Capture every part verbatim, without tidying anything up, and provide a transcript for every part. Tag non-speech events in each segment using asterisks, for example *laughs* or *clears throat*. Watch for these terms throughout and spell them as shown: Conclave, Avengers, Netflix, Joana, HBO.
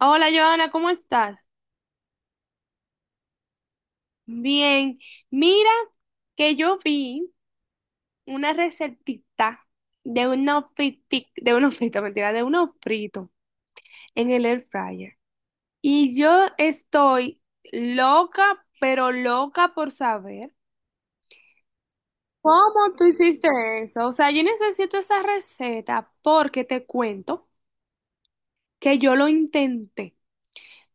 Hola, Joana, ¿cómo estás? Bien, mira que yo vi una recetita de unos fritos, de unos fritos, *laughs* mentira, de unos fritos en el air fryer. Y yo estoy loca, pero loca por saber cómo tú hiciste eso. O sea, yo necesito esa receta porque te cuento que yo lo intenté.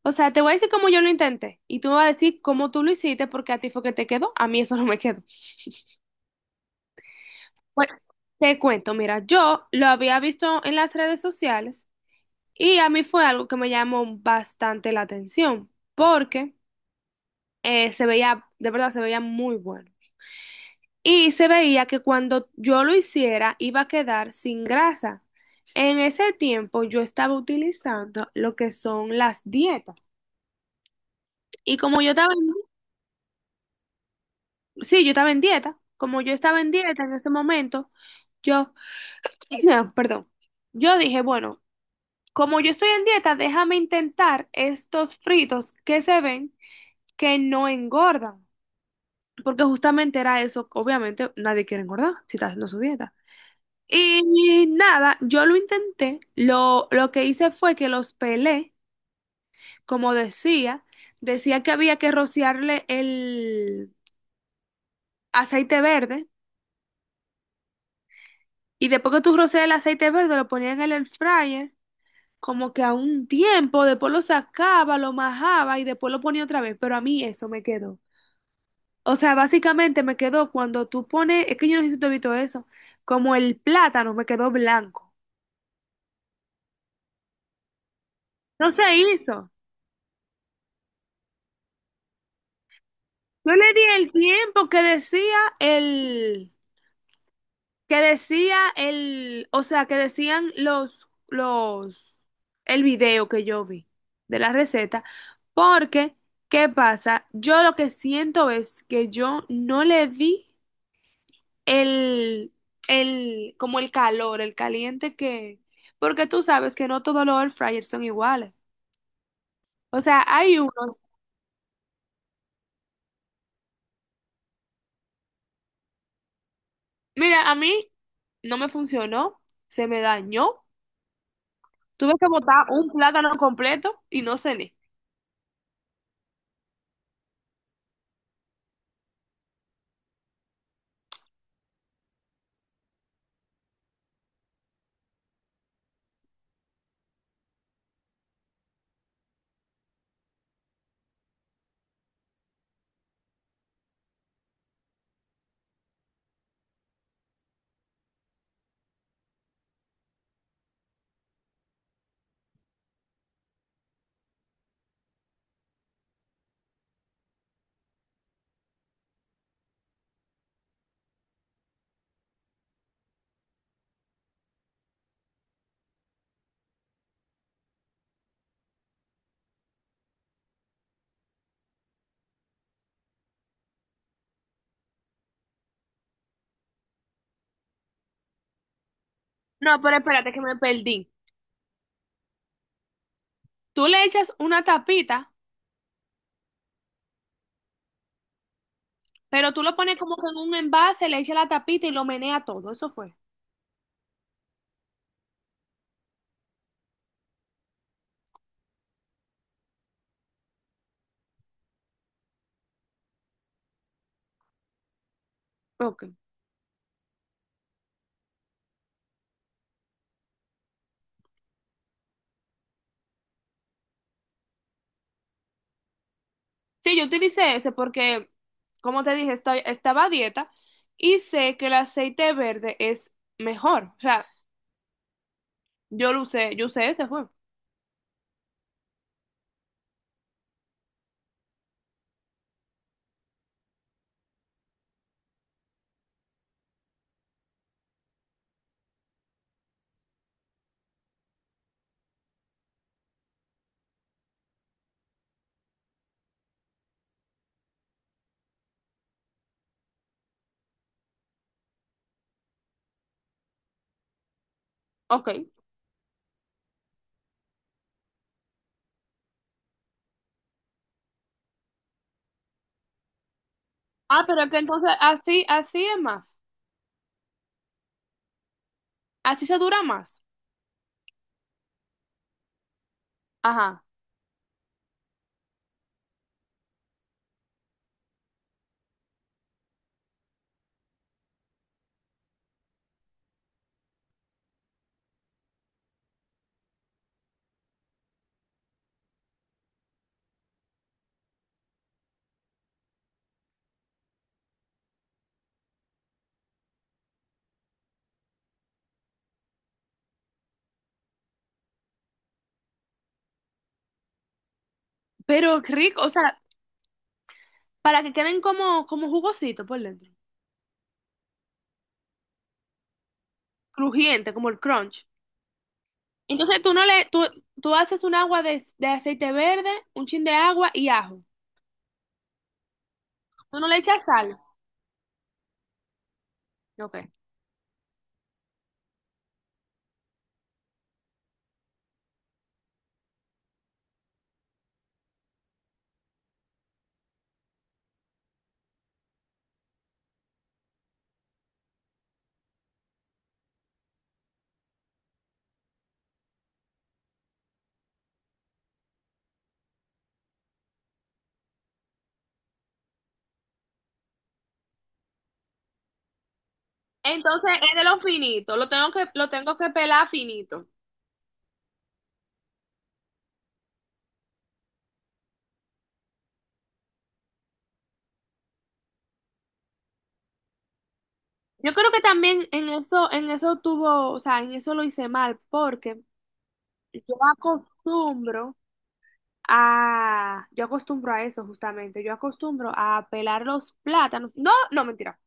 O sea, te voy a decir cómo yo lo intenté y tú me vas a decir cómo tú lo hiciste porque a ti fue que te quedó, a mí eso no me quedó. Pues te cuento, mira, yo lo había visto en las redes sociales y a mí fue algo que me llamó bastante la atención porque eh, se veía, de verdad, se veía muy bueno. Y se veía que cuando yo lo hiciera iba a quedar sin grasa. En ese tiempo yo estaba utilizando lo que son las dietas. Y como yo estaba en, sí, yo estaba en dieta, como yo estaba en dieta en ese momento, yo, *clears throat* perdón, yo dije, bueno. Como yo estoy en dieta, déjame intentar estos fritos que se ven que no engordan. Porque justamente era eso. Obviamente nadie quiere engordar si está haciendo su dieta. Y nada, yo lo intenté. Lo, lo que hice fue que los pelé, como decía. Decía que había que rociarle el aceite verde. Y después que tú rocias el aceite verde, lo ponías en el air fryer como que a un tiempo, después lo sacaba, lo majaba y después lo ponía otra vez, pero a mí eso me quedó. O sea, básicamente me quedó cuando tú pones, es que yo no sé si tú has visto eso, como el plátano me quedó blanco. No se hizo. Yo le di el tiempo que decía el, que decía el, o sea, que decían los, los, el video que yo vi de la receta, porque, ¿qué pasa? Yo lo que siento es que yo no le di el, el, como el calor, el caliente que, porque tú sabes que no todos los air fryers son iguales. O sea, hay unos, mira, a mí no me funcionó, se me dañó, tuve que botar un plátano completo y no cené. No, pero espérate que me perdí. Tú le echas una tapita, pero tú lo pones como que en un envase, le echas la tapita y lo menea todo, eso fue. Ok. Sí, yo utilicé ese porque, como te dije, estoy, estaba a dieta y sé que el aceite verde es mejor. O sea, yo lo usé, yo usé ese fue. Ok. Ah, pero es que entonces así, así es más. Así se dura más. Ajá. Pero qué rico, o sea, para que queden como, como jugositos por dentro. Crujiente, como el crunch. Entonces tú no le, tú, tú haces un agua de, de aceite verde, un chin de agua y ajo. Tú no le echas sal. Ok. Entonces es de lo finito, lo tengo que, lo tengo que pelar finito. Yo creo que también en eso, en eso tuvo, o sea, en eso lo hice mal, porque yo acostumbro a, yo acostumbro a eso justamente, yo acostumbro a pelar los plátanos. No, no, mentira.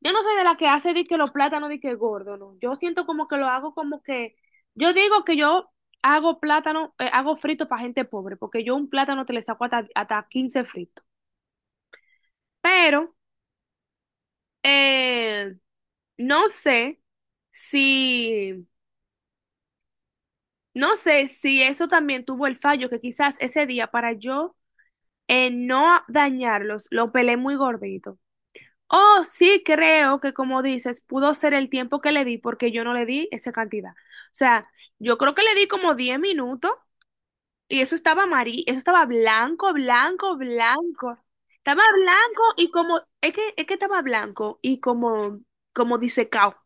Yo no soy de la que hace di que los plátanos di que gordo, no. Yo siento como que lo hago como que, yo digo que yo hago plátano, eh, hago frito para gente pobre, porque yo un plátano te le saco hasta, hasta quince fritos. Pero, eh, No sé si, no sé si, eso también tuvo el fallo, que quizás ese día para yo eh, no dañarlos, lo pelé muy gordito. Oh, sí creo que como dices, pudo ser el tiempo que le di porque yo no le di esa cantidad. O sea, yo creo que le di como diez minutos y eso estaba amarillo, eso estaba blanco, blanco, blanco. Estaba blanco y como, es que, es que estaba blanco y como, como disecado.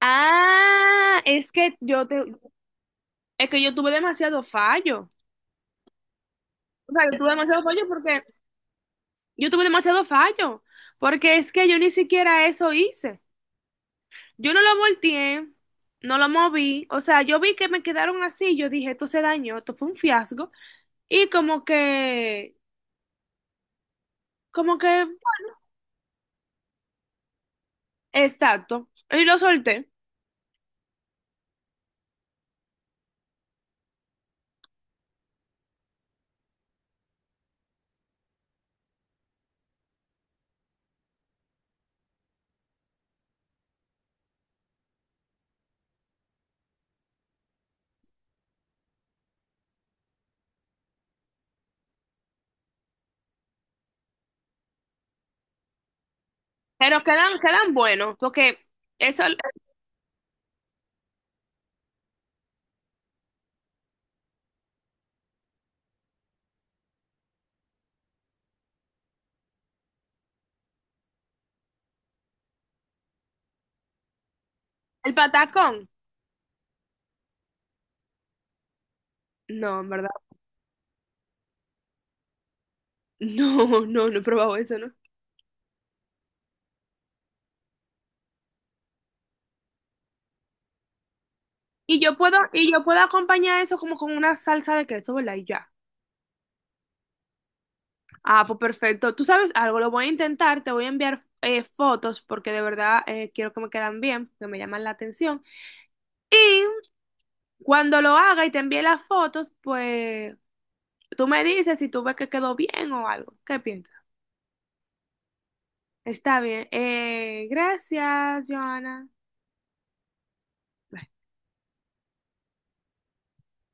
Ah, es que yo te, es que yo tuve demasiado fallo. O sea, yo tuve demasiado fallo porque yo tuve demasiado fallo. Porque es que yo ni siquiera eso hice. Yo no lo volteé, no lo moví. O sea, yo vi que me quedaron así. Yo dije, esto se dañó, esto fue un fiasco. Y como que, como que, exacto. Y lo solté. Pero quedan, quedan buenos. Porque eso, el patacón. No, en verdad. *laughs* No, no, no he probado eso, ¿no? Y yo puedo, y yo puedo acompañar eso como con una salsa de queso, ¿verdad? Y ya. Ah, pues perfecto. Tú sabes algo, lo voy a intentar, te voy a enviar eh, fotos porque de verdad eh, quiero que me quedan bien, que me llaman la atención. Y cuando lo haga y te envíe las fotos, pues tú me dices si tú ves que quedó bien o algo. ¿Qué piensas? Está bien. Eh, gracias, Joana.